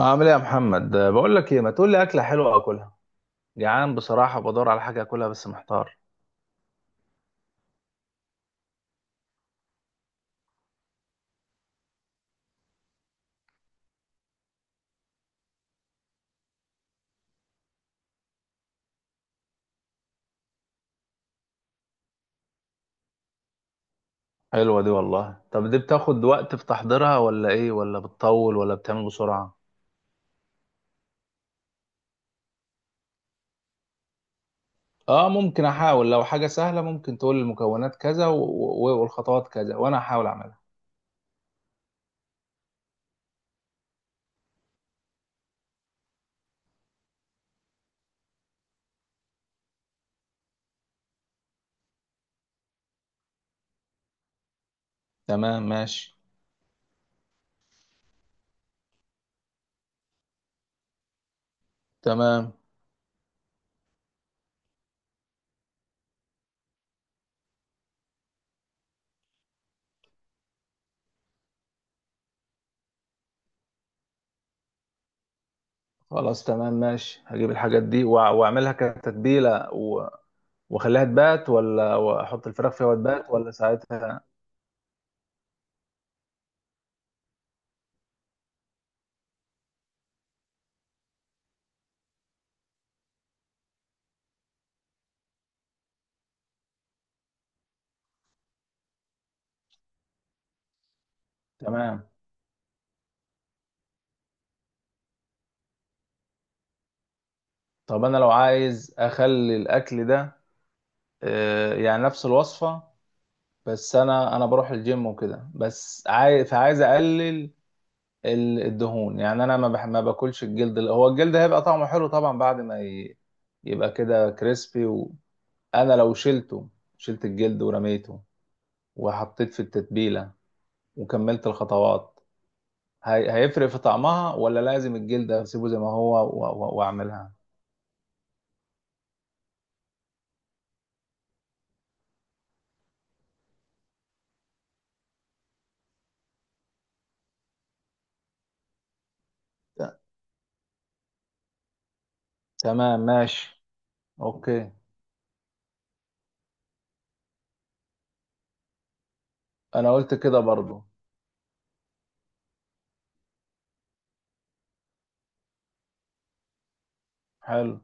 عامل ايه يا محمد بقول لك ايه؟ ما تقول لي اكله حلوه اكلها. جعان بصراحه، بدور على حاجه اكلها بس محتار. حلوه دي والله. طب دي بتاخد وقت في تحضيرها ولا ايه؟ ولا بتطول ولا بتعمل بسرعه؟ اه ممكن احاول. لو حاجه سهله ممكن تقول لي المكونات كذا والخطوات كذا، وانا هحاول اعملها. تمام ماشي. تمام. خلاص تمام ماشي، هجيب الحاجات دي واعملها كتتبيله واخليها تبات، ولا احط الفراخ فيها وتبات، ولا ساعتها؟ تمام. طب انا لو عايز اخلي الاكل ده، يعني نفس الوصفه، بس انا بروح الجيم وكده، بس عايز، فعايز اقلل الدهون. يعني انا ما باكلش الجلد. هو الجلد هيبقى طعمه حلو طبعا بعد ما يبقى كده كريسبي. وانا لو شلته، شلت الجلد ورميته، وحطيت في التتبيله، وكملت الخطوات، هيفرق في طعمها ولا لازم الجلد اسيبه زي ما هو واعملها؟ ت- تمام ماشي. اوكي. انا قلت كده برضو. حلو.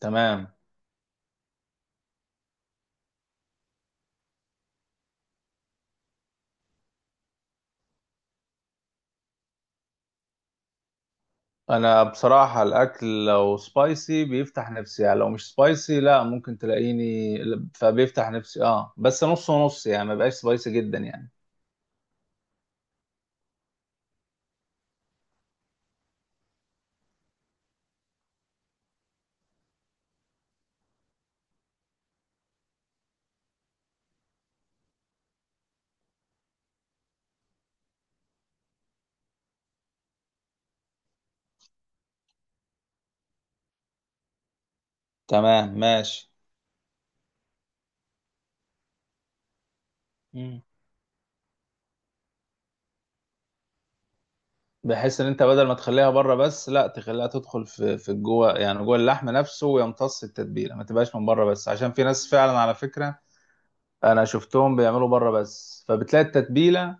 تمام. انا بصراحة الاكل لو سبايسي بيفتح نفسي. يعني لو مش سبايسي لا، ممكن تلاقيني، فبيفتح نفسي اه، بس نص ونص يعني، ما بقاش سبايسي جدا يعني. تمام ماشي. مم. بحيث ان انت بدل ما تخليها بره بس، لا تخليها تدخل في جوه، يعني جوه اللحم نفسه، ويمتص التتبيله، ما تبقاش من بره بس. عشان في ناس فعلا على فكره، انا شفتهم بيعملوا بره بس، فبتلاقي التتبيله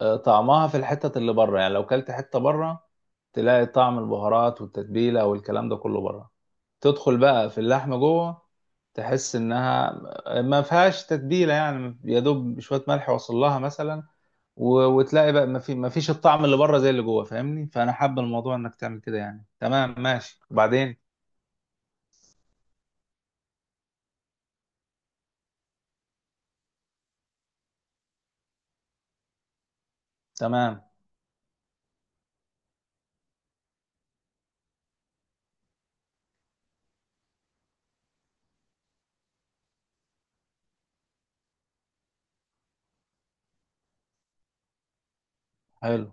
طعمها في الحتة اللي بره. يعني لو كلت حتة بره، تلاقي طعم البهارات والتتبيلة والكلام ده كله بره. تدخل بقى في اللحمة جوه، تحس انها ما فيهاش تتبيلة، يعني يا دوب شوية ملح وصل لها مثلا. وتلاقي بقى ما فيش الطعم اللي بره زي اللي جوه، فاهمني؟ فانا حابب الموضوع انك تعمل كده يعني. تمام ماشي وبعدين. تمام حلو.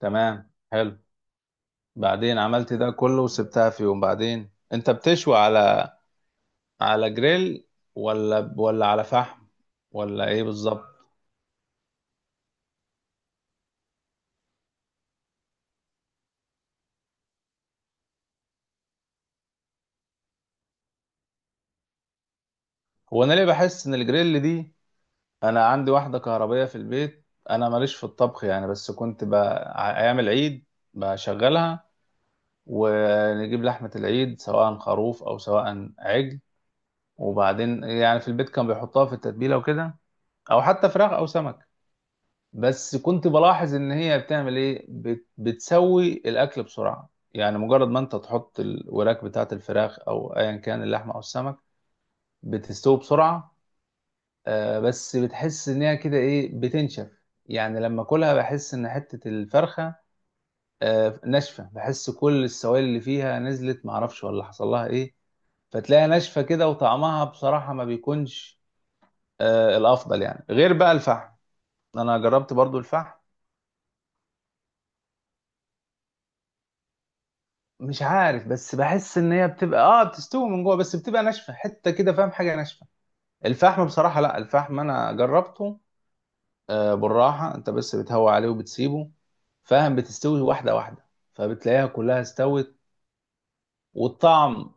تمام حلو. بعدين عملت ده كله وسبتها في يوم، بعدين انت بتشوي على على جريل ولا على فحم، ولا ايه بالظبط؟ هو انا ليه بحس ان الجريل دي، انا عندي واحده كهربائيه في البيت، انا ماليش في الطبخ يعني، بس كنت ايام العيد بشغلها، ونجيب لحمه العيد سواء خروف او سواء عجل، وبعدين يعني في البيت كان بيحطها في التتبيله وكده، او حتى فراخ او سمك. بس كنت بلاحظ ان هي بتعمل ايه، بتسوي الاكل بسرعه. يعني مجرد ما انت تحط الوراك بتاعه الفراخ او ايا كان اللحمه او السمك، بتستوي بسرعه. آه بس بتحس ان هي كده ايه، بتنشف. يعني لما اكلها بحس ان حته الفرخه آه ناشفه، بحس كل السوائل اللي فيها نزلت، معرفش ولا حصل لها ايه، فتلاقيها ناشفه كده، وطعمها بصراحه ما بيكونش آه الافضل، يعني غير بقى الفحم. انا جربت برضو الفحم. مش عارف، بس بحس ان هي بتبقى اه بتستوي من جوه بس بتبقى ناشفه حته كده، فاهم؟ حاجه ناشفه. الفحم بصراحه لا، الفحم انا جربته، آه بالراحه انت بس بتهوي عليه وبتسيبه، فاهم؟ بتستوي واحده واحده، فبتلاقيها كلها استوت. والطعم،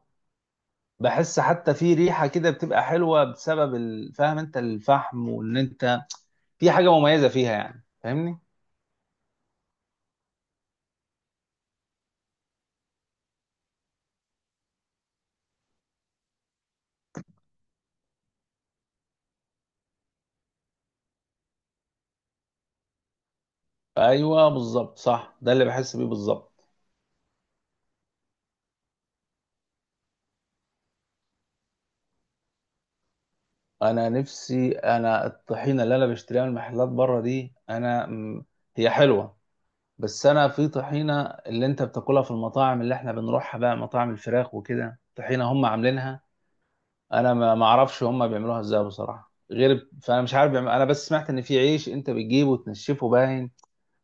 بحس حتى في ريحه كده بتبقى حلوه بسبب فاهم انت الفحم؟ وان انت في حاجه مميزه فيها يعني، فاهمني؟ ايوه بالظبط، صح، ده اللي بحس بيه بالظبط. انا نفسي، انا الطحينه اللي انا بشتريها من المحلات بره دي انا هي حلوه، بس انا في طحينه اللي انت بتاكلها في المطاعم اللي احنا بنروحها بقى، مطاعم الفراخ وكده، طحينه هم عاملينها، انا ما اعرفش هم بيعملوها ازاي بصراحه غير. فانا مش عارف انا بس سمعت ان في عيش انت بتجيبه وتنشفه باين،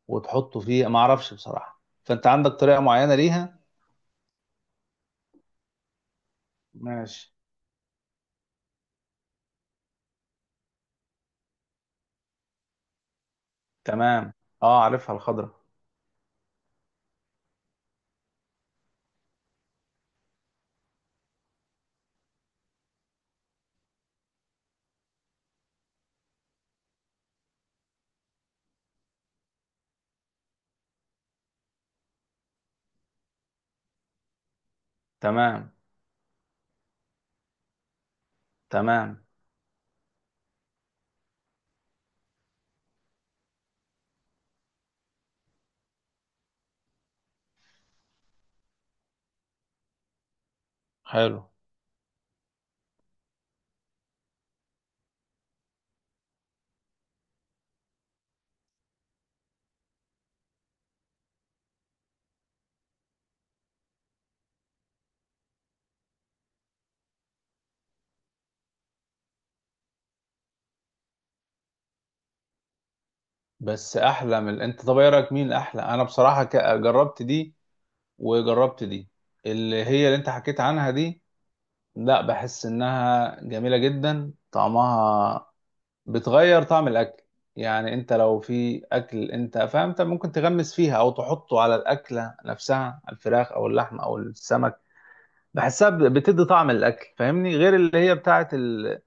وتحطه فيه، ما اعرفش بصراحه، فانت عندك طريقه معينه ليها؟ ماشي. تمام. اه عارفها الخضره. تمام. تمام حلو. بس احلى من انت. طب ايه رايك مين احلى؟ انا بصراحه جربت دي وجربت دي اللي هي اللي انت حكيت عنها دي. لا بحس انها جميله جدا طعمها، بتغير طعم الاكل. يعني انت لو في اكل انت فاهم، انت ممكن تغمس فيها او تحطه على الاكله نفسها، الفراخ او اللحمه او السمك، بحسها بتدي طعم الاكل، فاهمني؟ غير اللي هي بتاعت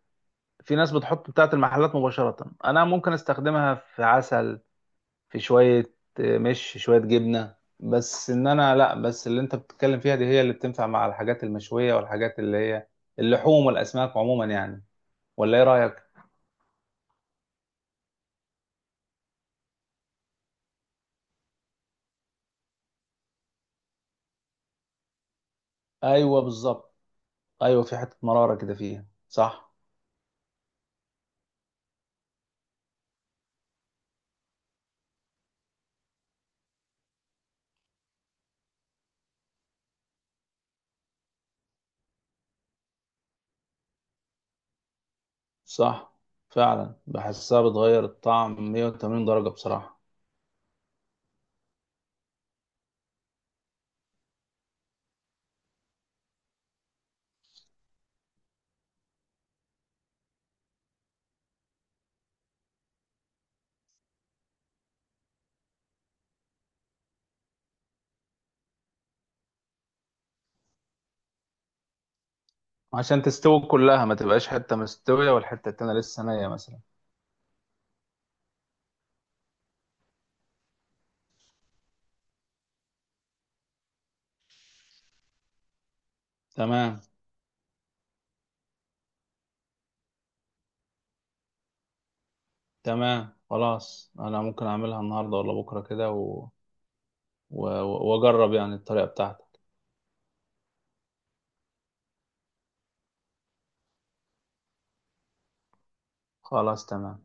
في ناس بتحط بتاعت المحلات مباشره. انا ممكن استخدمها في عسل، في شوية، مش شوية جبنة بس. ان انا لا، بس اللي انت بتتكلم فيها دي هي اللي بتنفع مع الحاجات المشوية، والحاجات اللي هي اللحوم والاسماك عموما يعني، ولا ايه رأيك؟ ايوه بالظبط. ايوه في حتة مرارة كده فيها صح. صح فعلا، بحسها بتغير الطعم 180 درجة بصراحة. عشان تستوي كلها ما تبقاش حتة مستوية والحتة التانية لسه نية مثلا. تمام. تمام خلاص، انا ممكن اعملها النهاردة ولا بكرة كده و... واجرب يعني الطريقة بتاعتك. خلاص تمام.